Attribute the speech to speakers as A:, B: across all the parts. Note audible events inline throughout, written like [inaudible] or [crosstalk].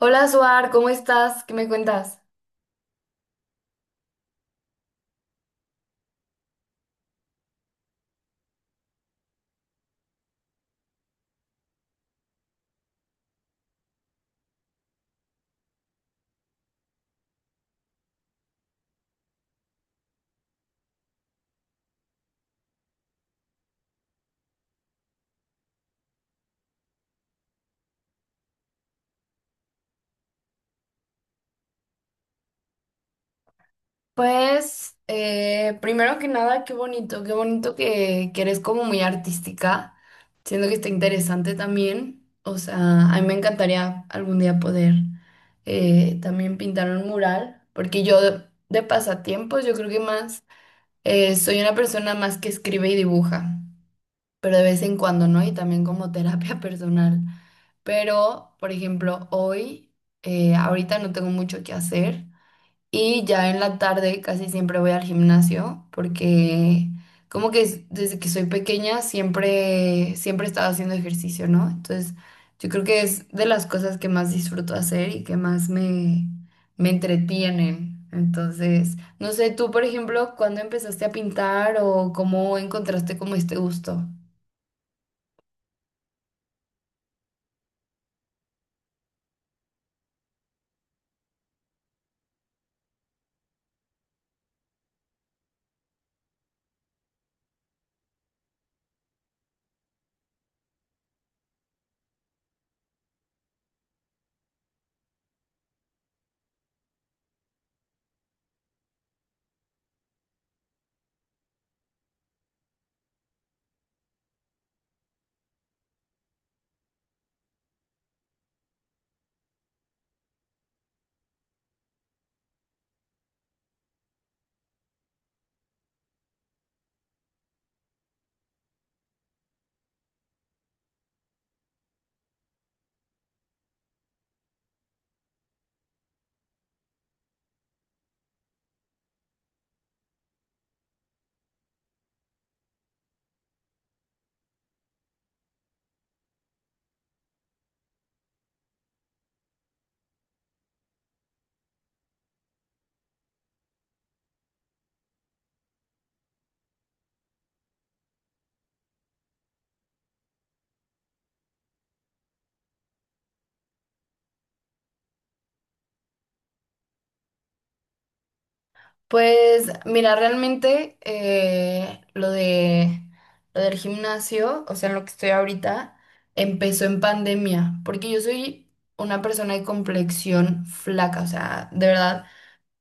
A: Hola, Suar, ¿cómo estás? ¿Qué me cuentas? Pues, primero que nada, qué bonito, qué bonito que eres como muy artística. Siento que está interesante también. O sea, a mí me encantaría algún día poder también pintar un mural, porque yo de pasatiempos, yo creo que más, soy una persona más que escribe y dibuja, pero de vez en cuando, ¿no? Y también como [laughs] terapia personal. Pero, por ejemplo, hoy, ahorita no tengo mucho que hacer. Y ya en la tarde casi siempre voy al gimnasio porque desde que soy pequeña siempre, siempre he estado haciendo ejercicio, ¿no? Entonces yo creo que es de las cosas que más disfruto hacer y que me entretienen. Entonces, no sé, tú, por ejemplo, ¿cuándo empezaste a pintar o cómo encontraste como este gusto? Pues mira, realmente lo del gimnasio, o sea, en lo que estoy ahorita, empezó en pandemia, porque yo soy una persona de complexión flaca, o sea, de verdad,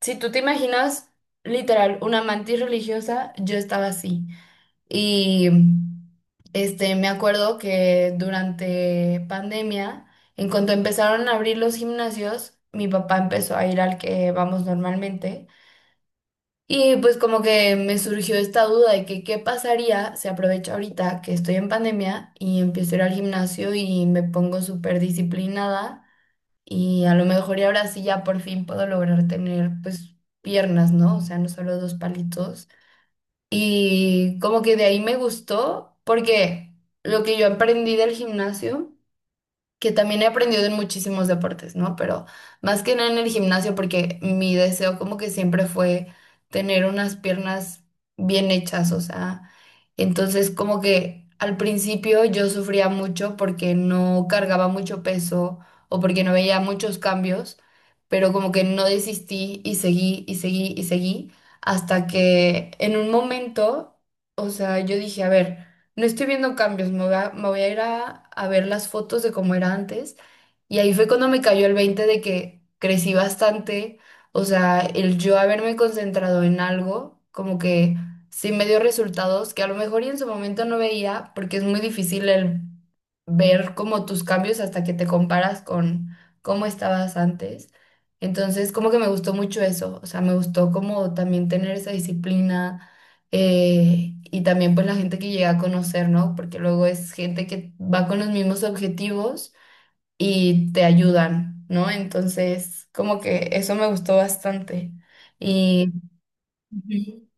A: si tú te imaginas literal una mantis religiosa, yo estaba así. Y me acuerdo que durante pandemia, en cuanto empezaron a abrir los gimnasios, mi papá empezó a ir al que vamos normalmente. Y pues como que me surgió esta duda de que qué pasaría si aprovecho ahorita que estoy en pandemia y empiezo a ir al gimnasio y me pongo súper disciplinada y a lo mejor y ahora sí ya por fin puedo lograr tener pues piernas, ¿no? O sea, no solo dos palitos. Y como que de ahí me gustó porque lo que yo aprendí del gimnasio que también he aprendido en muchísimos deportes, ¿no? Pero más que nada en el gimnasio, porque mi deseo como que siempre fue tener unas piernas bien hechas, o sea, entonces como que al principio yo sufría mucho porque no cargaba mucho peso o porque no veía muchos cambios, pero como que no desistí y seguí y seguí y seguí hasta que en un momento, o sea, yo dije, a ver, no estoy viendo cambios, me voy a a ver las fotos de cómo era antes. Y ahí fue cuando me cayó el 20 de que crecí bastante. O sea, el yo haberme concentrado en algo, como que sí me dio resultados que a lo mejor y en su momento no veía, porque es muy difícil el ver como tus cambios hasta que te comparas con cómo estabas antes. Entonces, como que me gustó mucho eso. O sea, me gustó como también tener esa disciplina y también pues la gente que llega a conocer, ¿no? Porque luego es gente que va con los mismos objetivos y te ayudan, ¿no? Entonces, como que eso me gustó bastante. Y Ujú.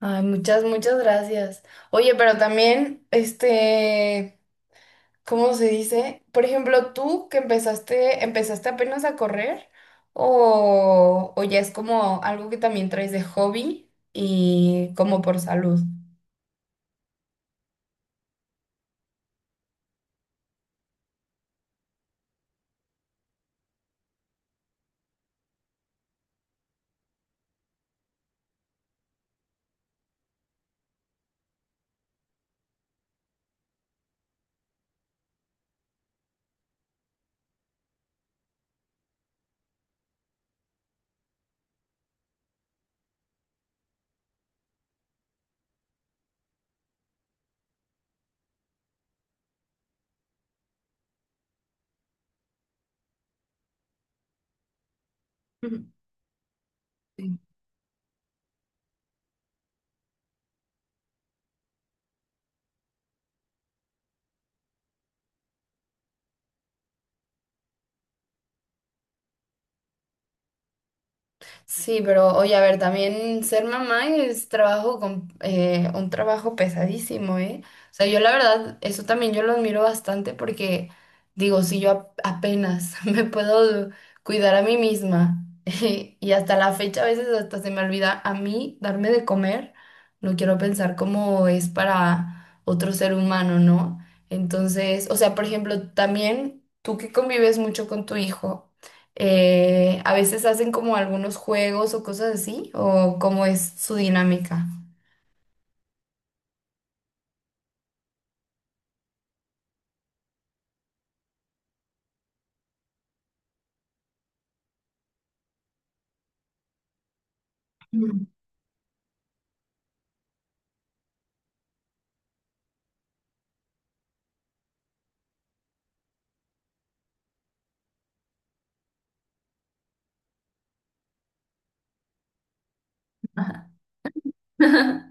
A: Ay, muchas, muchas gracias. Oye, pero también, ¿cómo se dice? Por ejemplo, empezaste apenas a correr o ya es como algo que también traes de hobby y como por salud. Ujú. Sí, pero oye, a ver, también ser mamá es trabajo con, un trabajo pesadísimo, ¿eh? O sea, yo la verdad, eso también yo lo admiro bastante porque digo, si yo apenas [laughs] me puedo cuidar a mí misma [laughs] y hasta la fecha a veces hasta se me olvida a mí darme de comer, no quiero pensar cómo es para otro ser humano, ¿no? Entonces, o sea, por ejemplo, también tú que convives mucho con tu hijo. A veces hacen como algunos juegos o cosas así, o cómo es su dinámica. Mm, ajá. [laughs]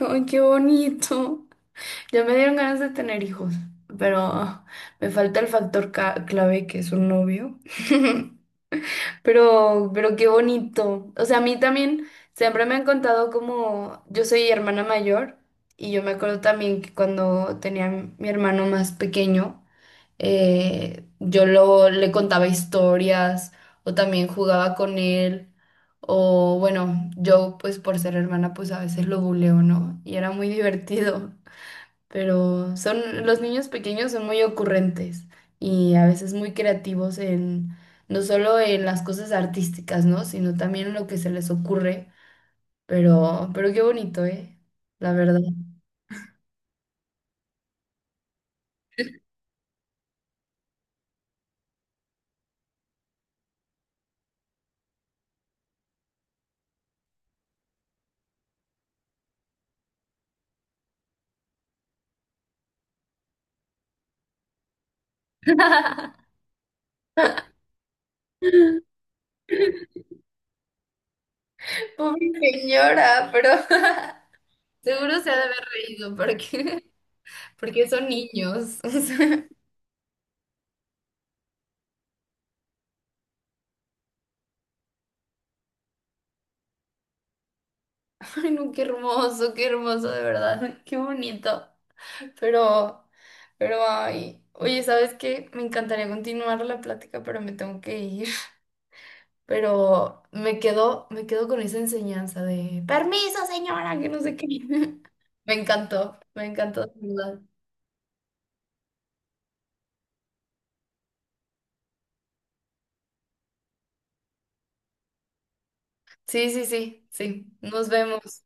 A: Ay, qué bonito. Ya me dieron ganas de tener hijos, pero me falta el factor clave que es un novio. [laughs] Pero qué bonito. O sea, a mí también siempre me han contado como yo soy hermana mayor y yo me acuerdo también que cuando tenía mi hermano más pequeño. Le contaba historias o también jugaba con él. O bueno, yo pues por ser hermana pues a veces lo buleo, ¿no? Y era muy [laughs] divertido. Pero son, los niños pequeños son muy ocurrentes y a veces muy creativos en, no solo en las cosas artísticas, ¿no? Sino también en lo que se les ocurre. Pero qué bonito, ¿eh? La verdad. [laughs] Pobre señora, pero [laughs] seguro se ha de haber reído porque... Porque son niños. [laughs] O sea, ay, no, qué hermoso, de verdad. Qué bonito. Pero, pero, ay. Oye, ¿sabes qué? Me encantaría continuar la plática, pero me tengo que ir. [laughs] Pero me quedo con esa enseñanza de permiso, señora, que no sé qué. [laughs] Me encantó, de verdad. Sí, sí, sí, sí. Nos vemos.